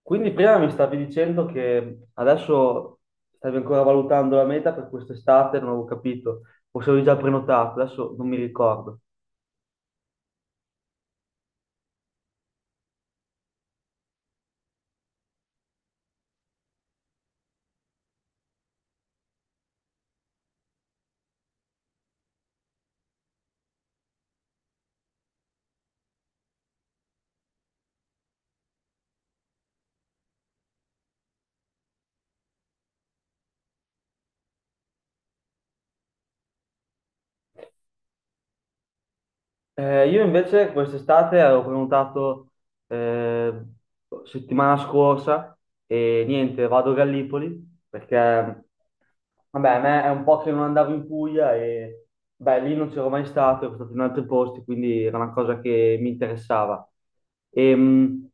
Quindi prima mi stavi dicendo che adesso stavi ancora valutando la meta per quest'estate, non avevo capito, o se avevi già prenotato, adesso non mi ricordo. Io invece quest'estate avevo prenotato eh, settimana scorsa e niente, vado a Gallipoli perché vabbè, a me è un po' che non andavo in Puglia e beh, lì non c'ero mai stato, ero stato in altri posti, quindi era una cosa che mi interessava. Ehm,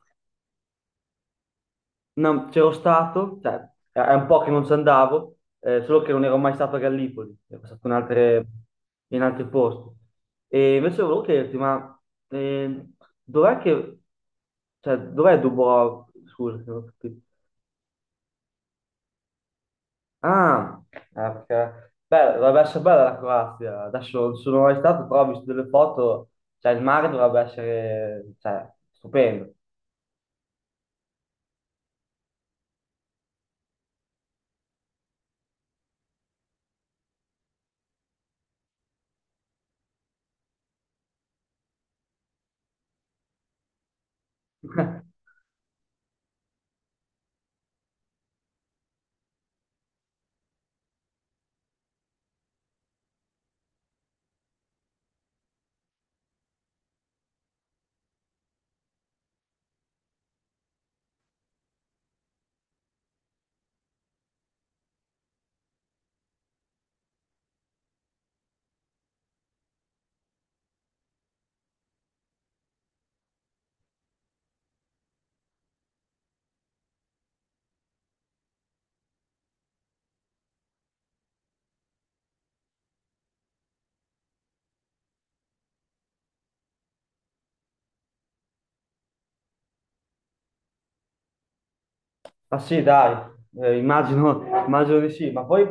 No, c'ero stato, cioè, è un po' che non ci andavo, solo che non ero mai stato a Gallipoli, ero stato in in altri posti. E invece volevo chiederti, ma eh, dov'è che, cioè, dov'è Dubrovnik? Scusa, se non ho capito. Ah, ah, perché, beh, dovrebbe essere bella la Croazia, adesso non sono mai stato, però ho visto delle foto, cioè il mare dovrebbe essere, cioè, stupendo. Ah sì, dai, immagino, immagino di sì, ma poi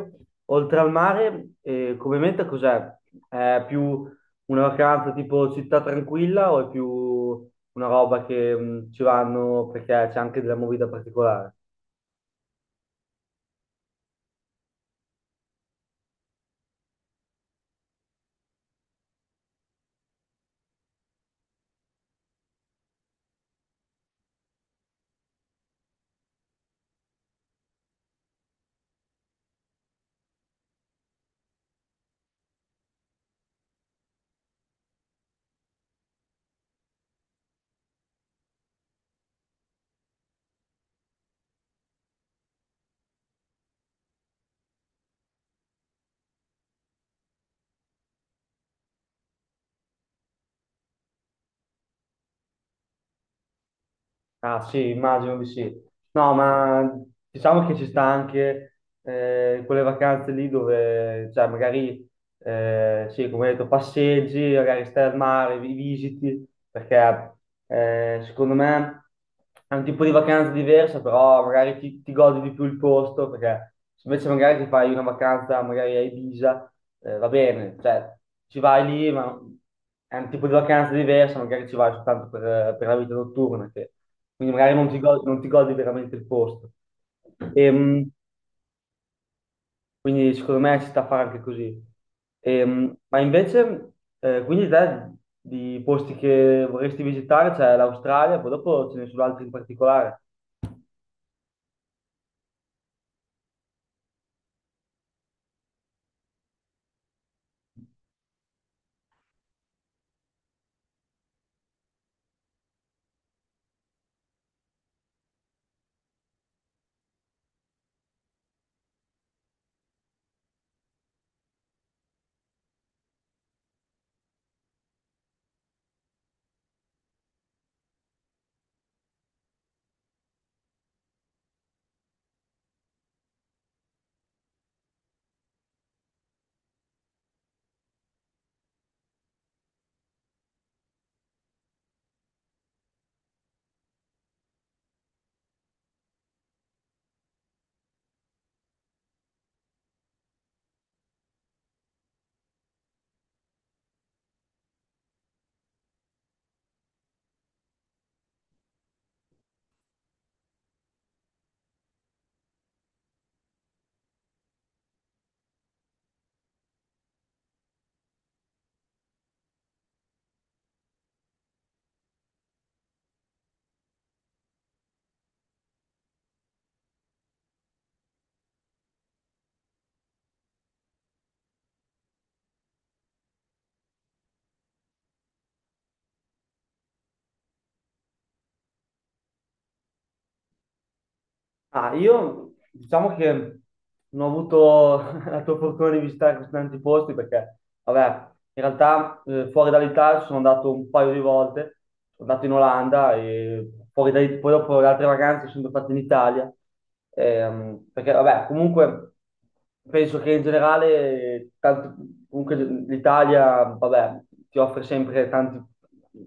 oltre al mare, come meta cos'è? È più una vacanza tipo città tranquilla o è più una roba che ci vanno perché c'è anche della movida particolare? Ah sì, immagino di sì. No, ma diciamo che ci sta anche quelle vacanze lì dove, cioè, magari sì, come hai detto, passeggi, magari stai al mare, visiti, perché secondo me è un tipo di vacanza diversa, però magari ti godi di più il posto, perché se invece magari ti fai una vacanza magari a Ibiza, va bene, cioè ci vai lì, ma è un tipo di vacanza diversa, magari ci vai soltanto per la vita notturna, quindi magari non ti godi, non ti godi veramente il posto. Ehm, quindi secondo me ci sta a fare anche così. Ma invece, quindi te di posti che vorresti visitare c'è l'Australia, poi dopo ce ne sono altri in particolare. Ah, io diciamo che non ho avuto la tua fortuna di visitare così tanti posti perché, vabbè, in realtà fuori dall'Italia sono andato un paio di volte, sono andato in Olanda e poi dopo le altre vacanze sono fatte in Italia. Perché vabbè, comunque penso che in generale, comunque l'Italia, vabbè, ti offre sempre tanti,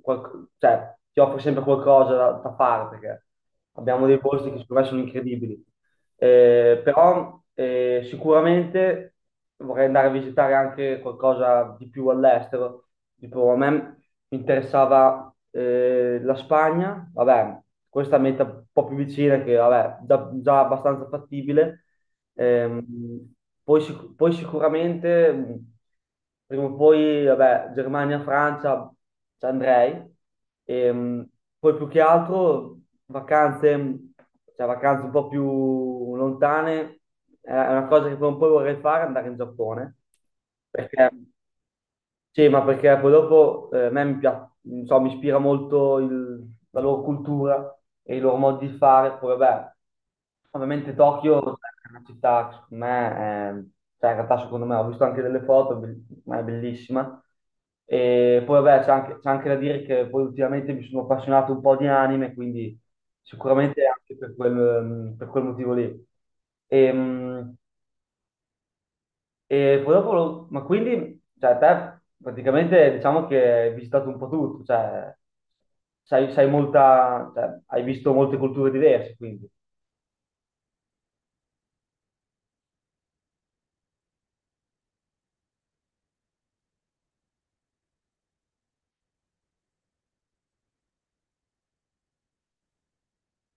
cioè, ti offre sempre qualcosa da, da fare, perché abbiamo dei posti che secondo me sono incredibili. Però sicuramente vorrei andare a visitare anche qualcosa di più all'estero. Tipo, a me mi interessava la Spagna, vabbè, questa meta un po' più vicina, che vabbè, già abbastanza fattibile. Ehm, Poi, poi sicuramente, prima o poi, vabbè, Germania, Francia, ci andrei. Ehm, Poi più che altro vacanze, cioè vacanze un po' più lontane, è una cosa che prima o poi vorrei fare, andare in Giappone, perché sì, ma perché poi dopo a me mi piace, non so, mi ispira molto la loro cultura e il loro modo di fare. Poi vabbè, ovviamente Tokyo cioè, è una città che secondo me, cioè in realtà secondo me, ho visto anche delle foto, ma è bellissima. E poi vabbè, c'è anche da dire che poi ultimamente mi sono appassionato un po' di anime, quindi sicuramente anche per per quel motivo lì. Ehm, e poi dopo, ma quindi, cioè, te praticamente diciamo che hai visitato un po' tutto, cioè, sai, sai molta, cioè, hai visto molte culture diverse, quindi.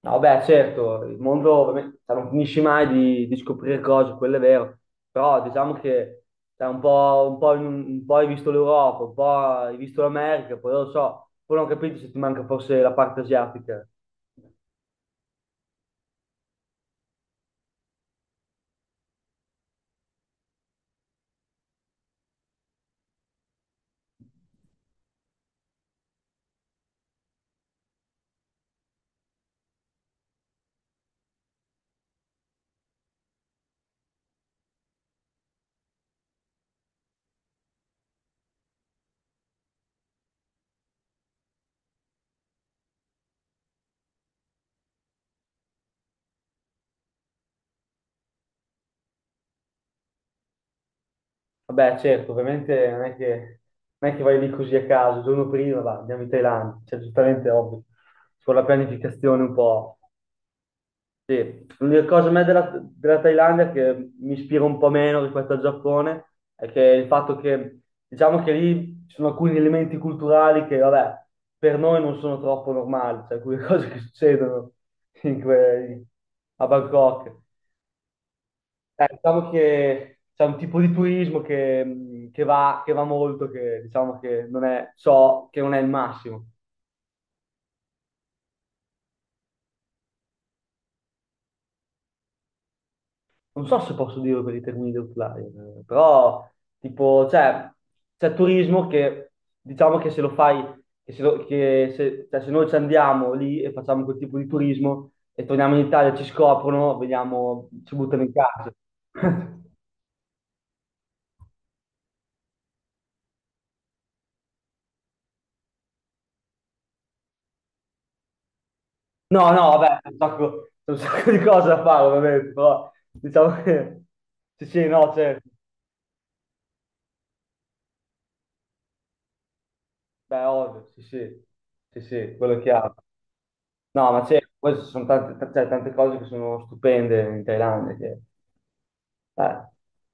No, beh, certo, il mondo ovviamente, cioè, non finisci mai di, di scoprire cose, quello è vero, però diciamo che cioè, un po' hai visto l'Europa, un po' hai visto l'America, poi non lo so, poi non ho capito se ti manca forse la parte asiatica. Vabbè, certo, ovviamente non è che vai lì così a caso, il giorno prima andiamo in Thailandia, cioè giustamente è ovvio, con la pianificazione un po'. Sì, l'unica cosa a me della Thailandia che mi ispira un po' meno rispetto al Giappone è che il fatto che, diciamo che lì ci sono alcuni elementi culturali che, vabbè, per noi non sono troppo normali, cioè alcune cose che succedono in a Bangkok. Diciamo che c'è un tipo di turismo che, che va molto, che diciamo che non è, so che non è il massimo. Non so se posso dirlo per i termini di outline, però tipo, cioè, c'è turismo che diciamo che se lo fai, che se, lo- che se- cioè, se noi ci andiamo lì e facciamo quel tipo di turismo e torniamo in Italia, ci scoprono, vediamo, ci buttano in casa. No, no, vabbè, c'è un sacco di cose da fare, ovviamente, però diciamo che sì, sì, no, certo, beh, ovvio, sì, sì, sì, sì, quello è chiaro. No, ma c'è, poi ci sono tante, cioè, tante cose che sono stupende in Thailandia, che, eh,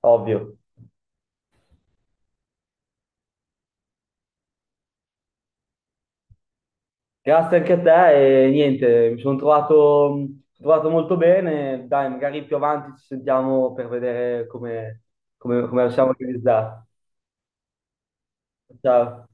ovvio. Grazie anche a te e niente, mi sono trovato molto bene, dai, magari più avanti ci sentiamo per vedere come siamo organizzati. Ciao.